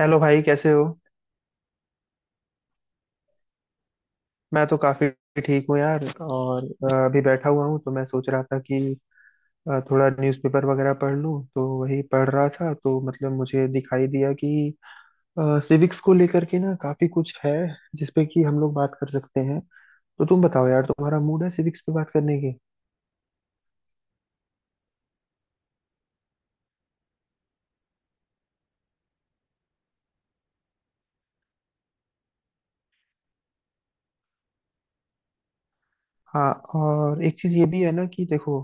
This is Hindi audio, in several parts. हेलो भाई कैसे हो। मैं तो काफी ठीक हूँ यार। और अभी बैठा हुआ हूँ तो मैं सोच रहा था कि थोड़ा न्यूज़पेपर वगैरह पढ़ लूँ, तो वही पढ़ रहा था। तो मतलब मुझे दिखाई दिया कि सिविक्स को लेकर के ना काफी कुछ है जिसपे कि हम लोग बात कर सकते हैं। तो तुम बताओ यार, तुम्हारा मूड है सिविक्स पे बात करने की। हाँ और एक चीज ये भी है ना कि देखो,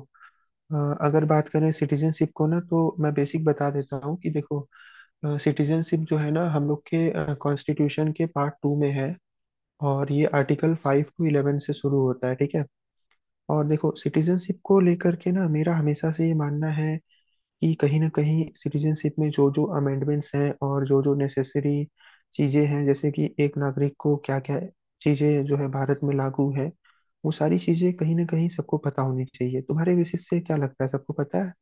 अ, अगर बात करें सिटीजनशिप को ना, तो मैं बेसिक बता देता हूँ कि देखो, सिटीजनशिप जो है ना, हम लोग के कॉन्स्टिट्यूशन के पार्ट टू में है। और ये आर्टिकल फाइव टू इलेवन से शुरू होता है, ठीक है। और देखो सिटीजनशिप को लेकर के ना, मेरा हमेशा से ये मानना है कि कहीं ना कहीं सिटीजनशिप में जो जो अमेंडमेंट्स हैं और जो जो नेसेसरी चीजें हैं, जैसे कि एक नागरिक को क्या क्या चीजें जो है भारत में लागू है, वो सारी चीजें कहीं ना कहीं सबको पता होनी चाहिए। तुम्हारे बेसिस से क्या लगता है, सबको पता है?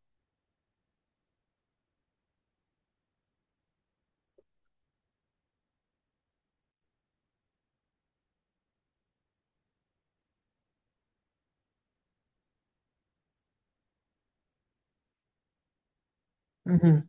हम्म,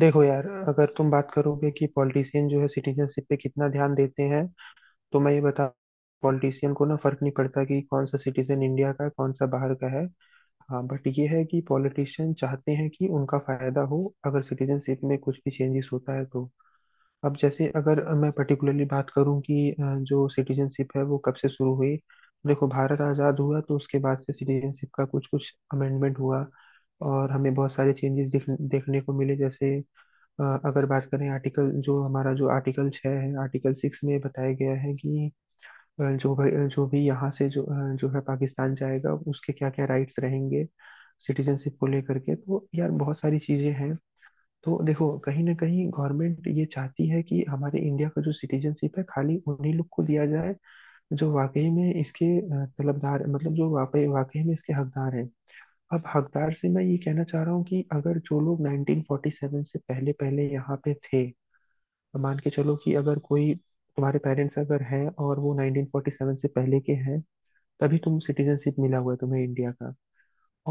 देखो यार, अगर तुम बात करोगे कि पॉलिटिशियन जो है सिटीजनशिप पे कितना ध्यान देते हैं, तो मैं ये बता, पॉलिटिशियन को ना फर्क नहीं पड़ता कि कौन सा सिटीजन इंडिया का है कौन सा बाहर का है। हाँ, बट ये है कि पॉलिटिशियन चाहते हैं कि उनका फायदा हो अगर सिटीजनशिप में कुछ भी चेंजेस होता है तो। अब जैसे अगर मैं पर्टिकुलरली बात करूं कि जो सिटीजनशिप है वो कब से शुरू हुई। देखो, भारत आज़ाद हुआ तो उसके बाद से सिटीजनशिप का कुछ कुछ अमेंडमेंट हुआ, और हमें बहुत सारे चेंजेस देखने को मिले। जैसे अगर बात करें आर्टिकल, जो हमारा जो आर्टिकल छः है, आर्टिकल सिक्स में बताया गया है कि जो भाई जो भी यहाँ से जो जो है पाकिस्तान जाएगा उसके क्या क्या राइट्स रहेंगे सिटीजनशिप को लेकर के। तो यार बहुत सारी चीजें हैं। तो देखो कहीं ना कहीं गवर्नमेंट ये चाहती है कि हमारे इंडिया का जो सिटीजनशिप है खाली उन्हीं लोग को दिया जाए जो वाकई में इसके तलबदार, मतलब जो वाकई वाकई में इसके हकदार हैं। अब हकदार से मैं ये कहना चाह रहा हूँ कि अगर जो लोग 1947 से पहले पहले यहाँ पे थे, मान के चलो कि अगर कोई तुम्हारे पेरेंट्स अगर हैं और वो 1947 से पहले के हैं, तभी तुम सिटीजनशिप मिला हुआ है तुम्हें इंडिया का।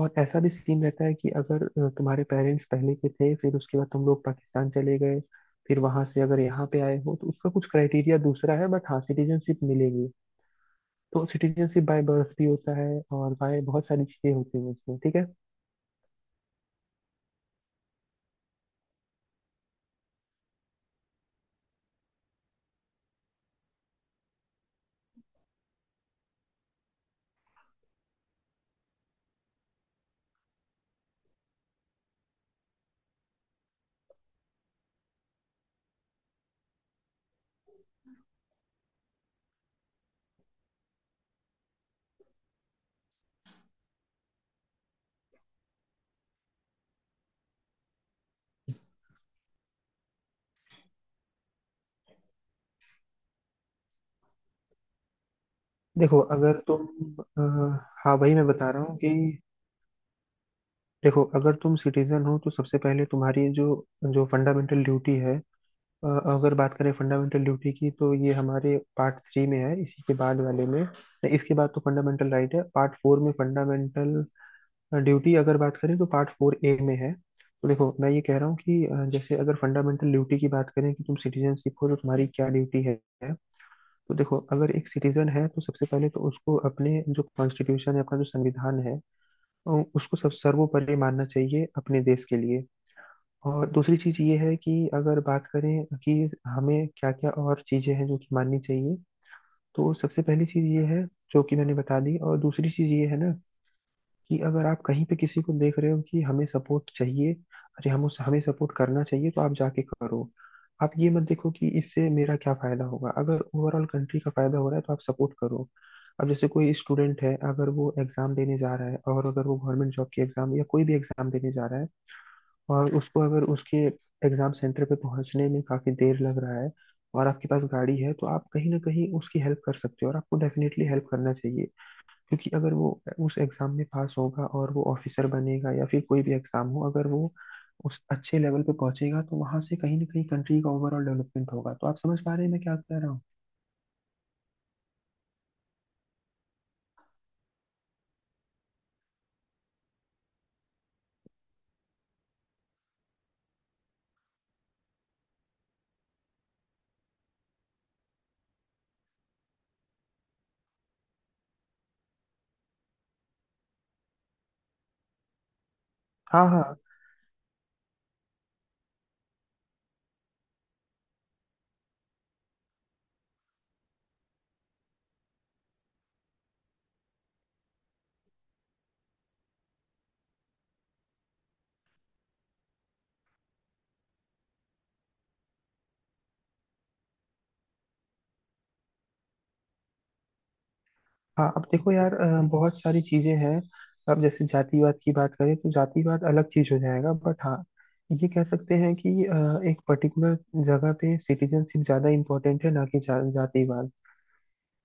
और ऐसा भी सीन रहता है कि अगर तुम्हारे पेरेंट्स पहले के थे, फिर उसके बाद तुम लोग पाकिस्तान चले गए, फिर वहां से अगर यहाँ पे आए हो, तो उसका कुछ क्राइटेरिया दूसरा है, बट हाँ सिटीजनशिप मिलेगी। तो सिटीजनशिप बाय बर्थ भी होता है और बाय बहुत सारी चीजें होती हैं इसमें, ठीक है। देखो अगर तुम अ, हाँ वही मैं बता रहा हूँ कि देखो अगर तुम सिटीजन हो तो सबसे पहले तुम्हारी जो जो फंडामेंटल ड्यूटी है, अ, अगर बात करें फंडामेंटल ड्यूटी की, तो ये हमारे पार्ट थ्री में है, इसी के बाद वाले में। नहीं, इसके बाद तो फंडामेंटल राइट है पार्ट फोर में, फंडामेंटल ड्यूटी अगर बात करें तो पार्ट फोर ए में है। तो देखो मैं ये कह रहा हूँ कि जैसे अगर फंडामेंटल ड्यूटी की बात करें कि तुम सिटीजनशिप हो तो तुम्हारी क्या ड्यूटी है। तो देखो अगर एक सिटीजन है, तो सबसे पहले तो उसको अपने जो कॉन्स्टिट्यूशन है, अपना जो संविधान है, अ, उसको सब सर्वोपरि मानना चाहिए अपने देश के लिए। और दूसरी चीज ये है कि अगर बात करें कि हमें क्या क्या और चीजें हैं जो कि माननी चाहिए, तो सबसे पहली चीज ये है जो कि मैंने बता दी। और दूसरी चीज ये है ना कि अगर आप कहीं पे किसी को देख रहे हो कि हमें सपोर्ट चाहिए, अरे हम उस हमें सपोर्ट करना चाहिए तो आप जाके करो। आप ये मत देखो कि इससे मेरा क्या फायदा होगा, अगर ओवरऑल कंट्री का फायदा हो रहा है तो आप सपोर्ट करो। अब जैसे कोई स्टूडेंट है, अगर वो एग्जाम देने जा रहा है, और अगर वो गवर्नमेंट जॉब की एग्जाम या कोई भी एग्जाम देने जा रहा है, और उसको अगर उसके एग्जाम सेंटर पे पहुंचने में काफी देर लग रहा है और आपके पास गाड़ी है, तो आप कहीं ना कहीं उसकी हेल्प कर सकते हो और आपको डेफिनेटली हेल्प करना चाहिए। क्योंकि अगर वो उस एग्जाम में पास होगा और वो ऑफिसर बनेगा या फिर कोई भी एग्जाम हो, अगर वो उस अच्छे लेवल पे पहुंचेगा तो वहां से कहीं ना कहीं कंट्री का ओवरऑल डेवलपमेंट होगा। तो आप समझ पा रहे हैं मैं क्या कह रहा हूँ? हाँ हाँ हाँ। अब देखो यार, बहुत सारी चीजें हैं। अब जैसे जातिवाद की बात करें, तो जातिवाद अलग चीज हो जाएगा, बट हाँ ये कह सकते हैं कि एक पर्टिकुलर जगह पे सिटीजनशिप ज्यादा इम्पोर्टेंट है ना कि जातिवाद।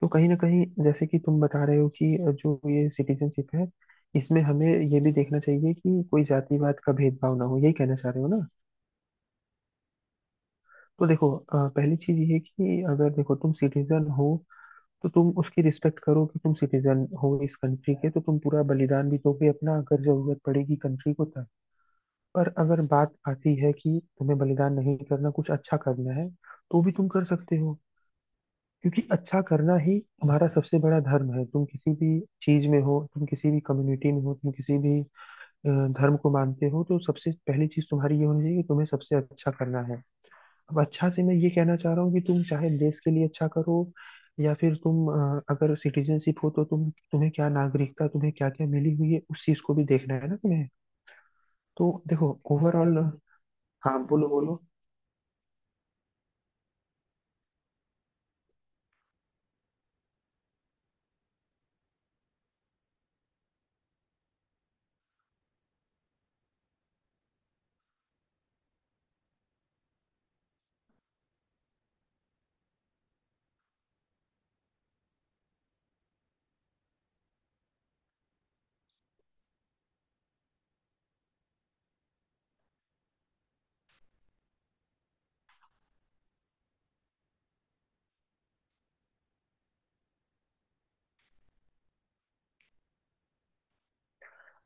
तो कहीं ना कहीं जैसे कि तुम बता रहे हो कि जो ये सिटीजनशिप है, इसमें हमें ये भी देखना चाहिए कि कोई जातिवाद का भेदभाव ना हो, यही कहना चाह रहे हो ना। तो देखो पहली चीज ये है कि अगर देखो तुम सिटीजन हो, तो तुम उसकी रिस्पेक्ट करो कि तुम सिटीजन हो इस कंट्री के, तो तुम पूरा बलिदान भी दोगे अपना अगर जरूरत पड़ेगी कंट्री को तब। पर अगर बात आती है कि तुम्हें बलिदान नहीं करना कुछ अच्छा करना है, तो भी तुम कर सकते हो, क्योंकि अच्छा करना ही हमारा सबसे बड़ा धर्म है। तुम किसी भी चीज में हो, तुम किसी भी कम्युनिटी में हो, तुम किसी भी धर्म को मानते हो, तो सबसे पहली चीज तुम्हारी ये होनी चाहिए कि तुम्हें सबसे अच्छा करना है। अब अच्छा से मैं ये कहना चाह रहा हूँ कि तुम चाहे देश के लिए अच्छा करो, या फिर तुम अगर सिटीजनशिप हो तो तुम्हें क्या नागरिकता तुम्हें क्या क्या मिली हुई है उस चीज को भी देखना है ना तुम्हें। तो देखो ओवरऑल, हाँ बोलो बोलो।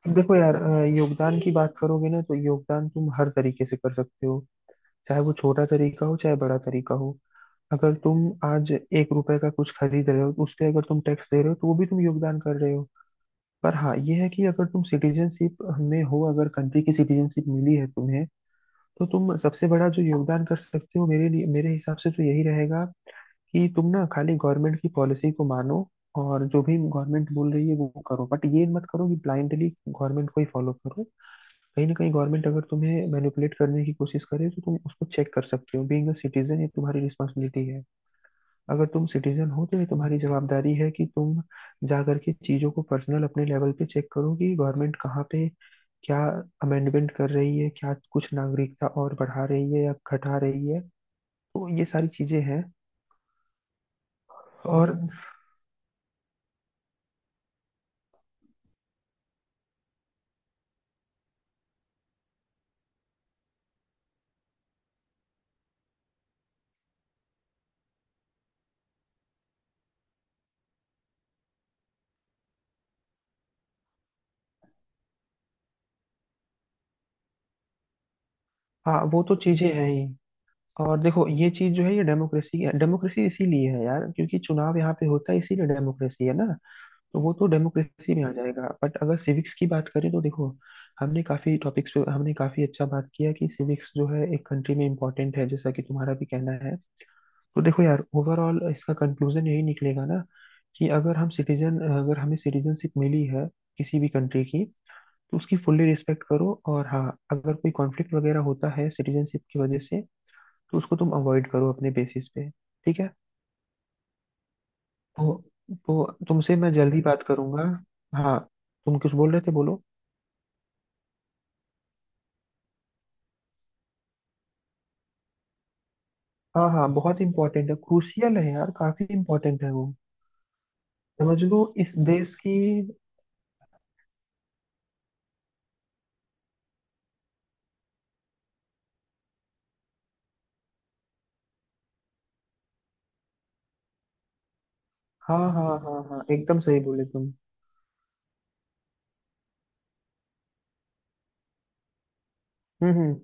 अब देखो यार, योगदान की बात करोगे ना, तो योगदान तुम हर तरीके से कर सकते हो, चाहे वो छोटा तरीका हो चाहे बड़ा तरीका हो। अगर तुम आज एक रुपए का कुछ खरीद रहे हो तो उस पे अगर तुम टैक्स दे रहे हो, तो वो भी तुम योगदान कर रहे हो। पर हाँ ये है कि अगर तुम सिटीजनशिप में हो, अगर कंट्री की सिटीजनशिप मिली है तुम्हें, तो तुम सबसे बड़ा जो योगदान कर सकते हो मेरे लिए, मेरे हिसाब से तो यही रहेगा कि तुम ना खाली गवर्नमेंट की पॉलिसी को मानो और जो भी गवर्नमेंट बोल रही है वो करो, बट ये मत करो कि ब्लाइंडली गवर्नमेंट को ही फॉलो करो। कहीं ना कहीं गवर्नमेंट अगर तुम्हें मैनिपुलेट करने की कोशिश करे, तो तुम उसको चेक कर सकते हो, बीइंग अ सिटीजन ये तुम्हारी रिस्पॉन्सिबिलिटी है। अगर तुम सिटीजन हो तो ये तुम्हारी जवाबदारी है कि तुम जा करके चीजों को पर्सनल अपने लेवल पे चेक करो कि गवर्नमेंट कहाँ पे क्या अमेंडमेंट कर रही है, क्या कुछ नागरिकता और बढ़ा रही है या घटा रही है। तो ये सारी चीजें हैं। और हाँ, वो तो चीजें हैं ही। और देखो ये चीज जो है, ये डेमोक्रेसी है, डेमोक्रेसी इसीलिए है यार क्योंकि चुनाव यहाँ पे होता है, इसीलिए डेमोक्रेसी है ना। तो वो तो डेमोक्रेसी में आ जाएगा, बट अगर सिविक्स की बात करें तो देखो, हमने काफी टॉपिक्स पे, हमने काफी अच्छा बात किया कि सिविक्स जो है एक कंट्री में इम्पोर्टेंट है, जैसा कि तुम्हारा भी कहना है। तो देखो यार, ओवरऑल इसका कंक्लूजन यही निकलेगा ना कि अगर हम सिटीजन, अगर हमें सिटीजनशिप मिली है किसी भी कंट्री की, तो उसकी फुल्ली रिस्पेक्ट करो। और हाँ, अगर कोई कॉन्फ्लिक्ट वगैरह होता है सिटीजनशिप की वजह से, तो उसको तुम अवॉइड करो अपने बेसिस पे, ठीक है। तो तो तुमसे मैं जल्दी बात करूंगा। हाँ, तुम कुछ बोल रहे थे, बोलो। हाँ हाँ, बहुत इम्पोर्टेंट है, क्रूशियल है यार, काफी इम्पोर्टेंट है वो, समझ लो इस देश की। हाँ हाँ हाँ हाँ, एकदम सही बोले तुम। हम्म।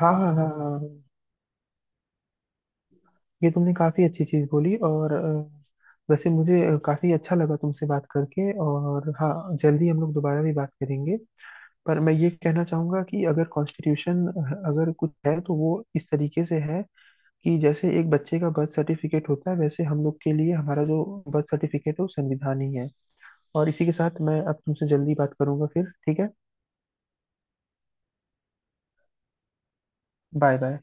हाँ हाँ हाँ हाँ हाँ। ये तुमने काफी अच्छी चीज बोली। और वैसे मुझे काफी अच्छा लगा तुमसे बात करके, और हाँ जल्दी हम लोग दोबारा भी बात करेंगे। पर मैं ये कहना चाहूंगा कि अगर कॉन्स्टिट्यूशन, अगर कुछ है तो वो इस तरीके से है कि जैसे एक बच्चे का बर्थ सर्टिफिकेट होता है, वैसे हम लोग के लिए हमारा जो बर्थ सर्टिफिकेट है वो संविधान ही है। और इसी के साथ मैं अब तुमसे जल्दी बात करूंगा फिर, ठीक है। Bye bye.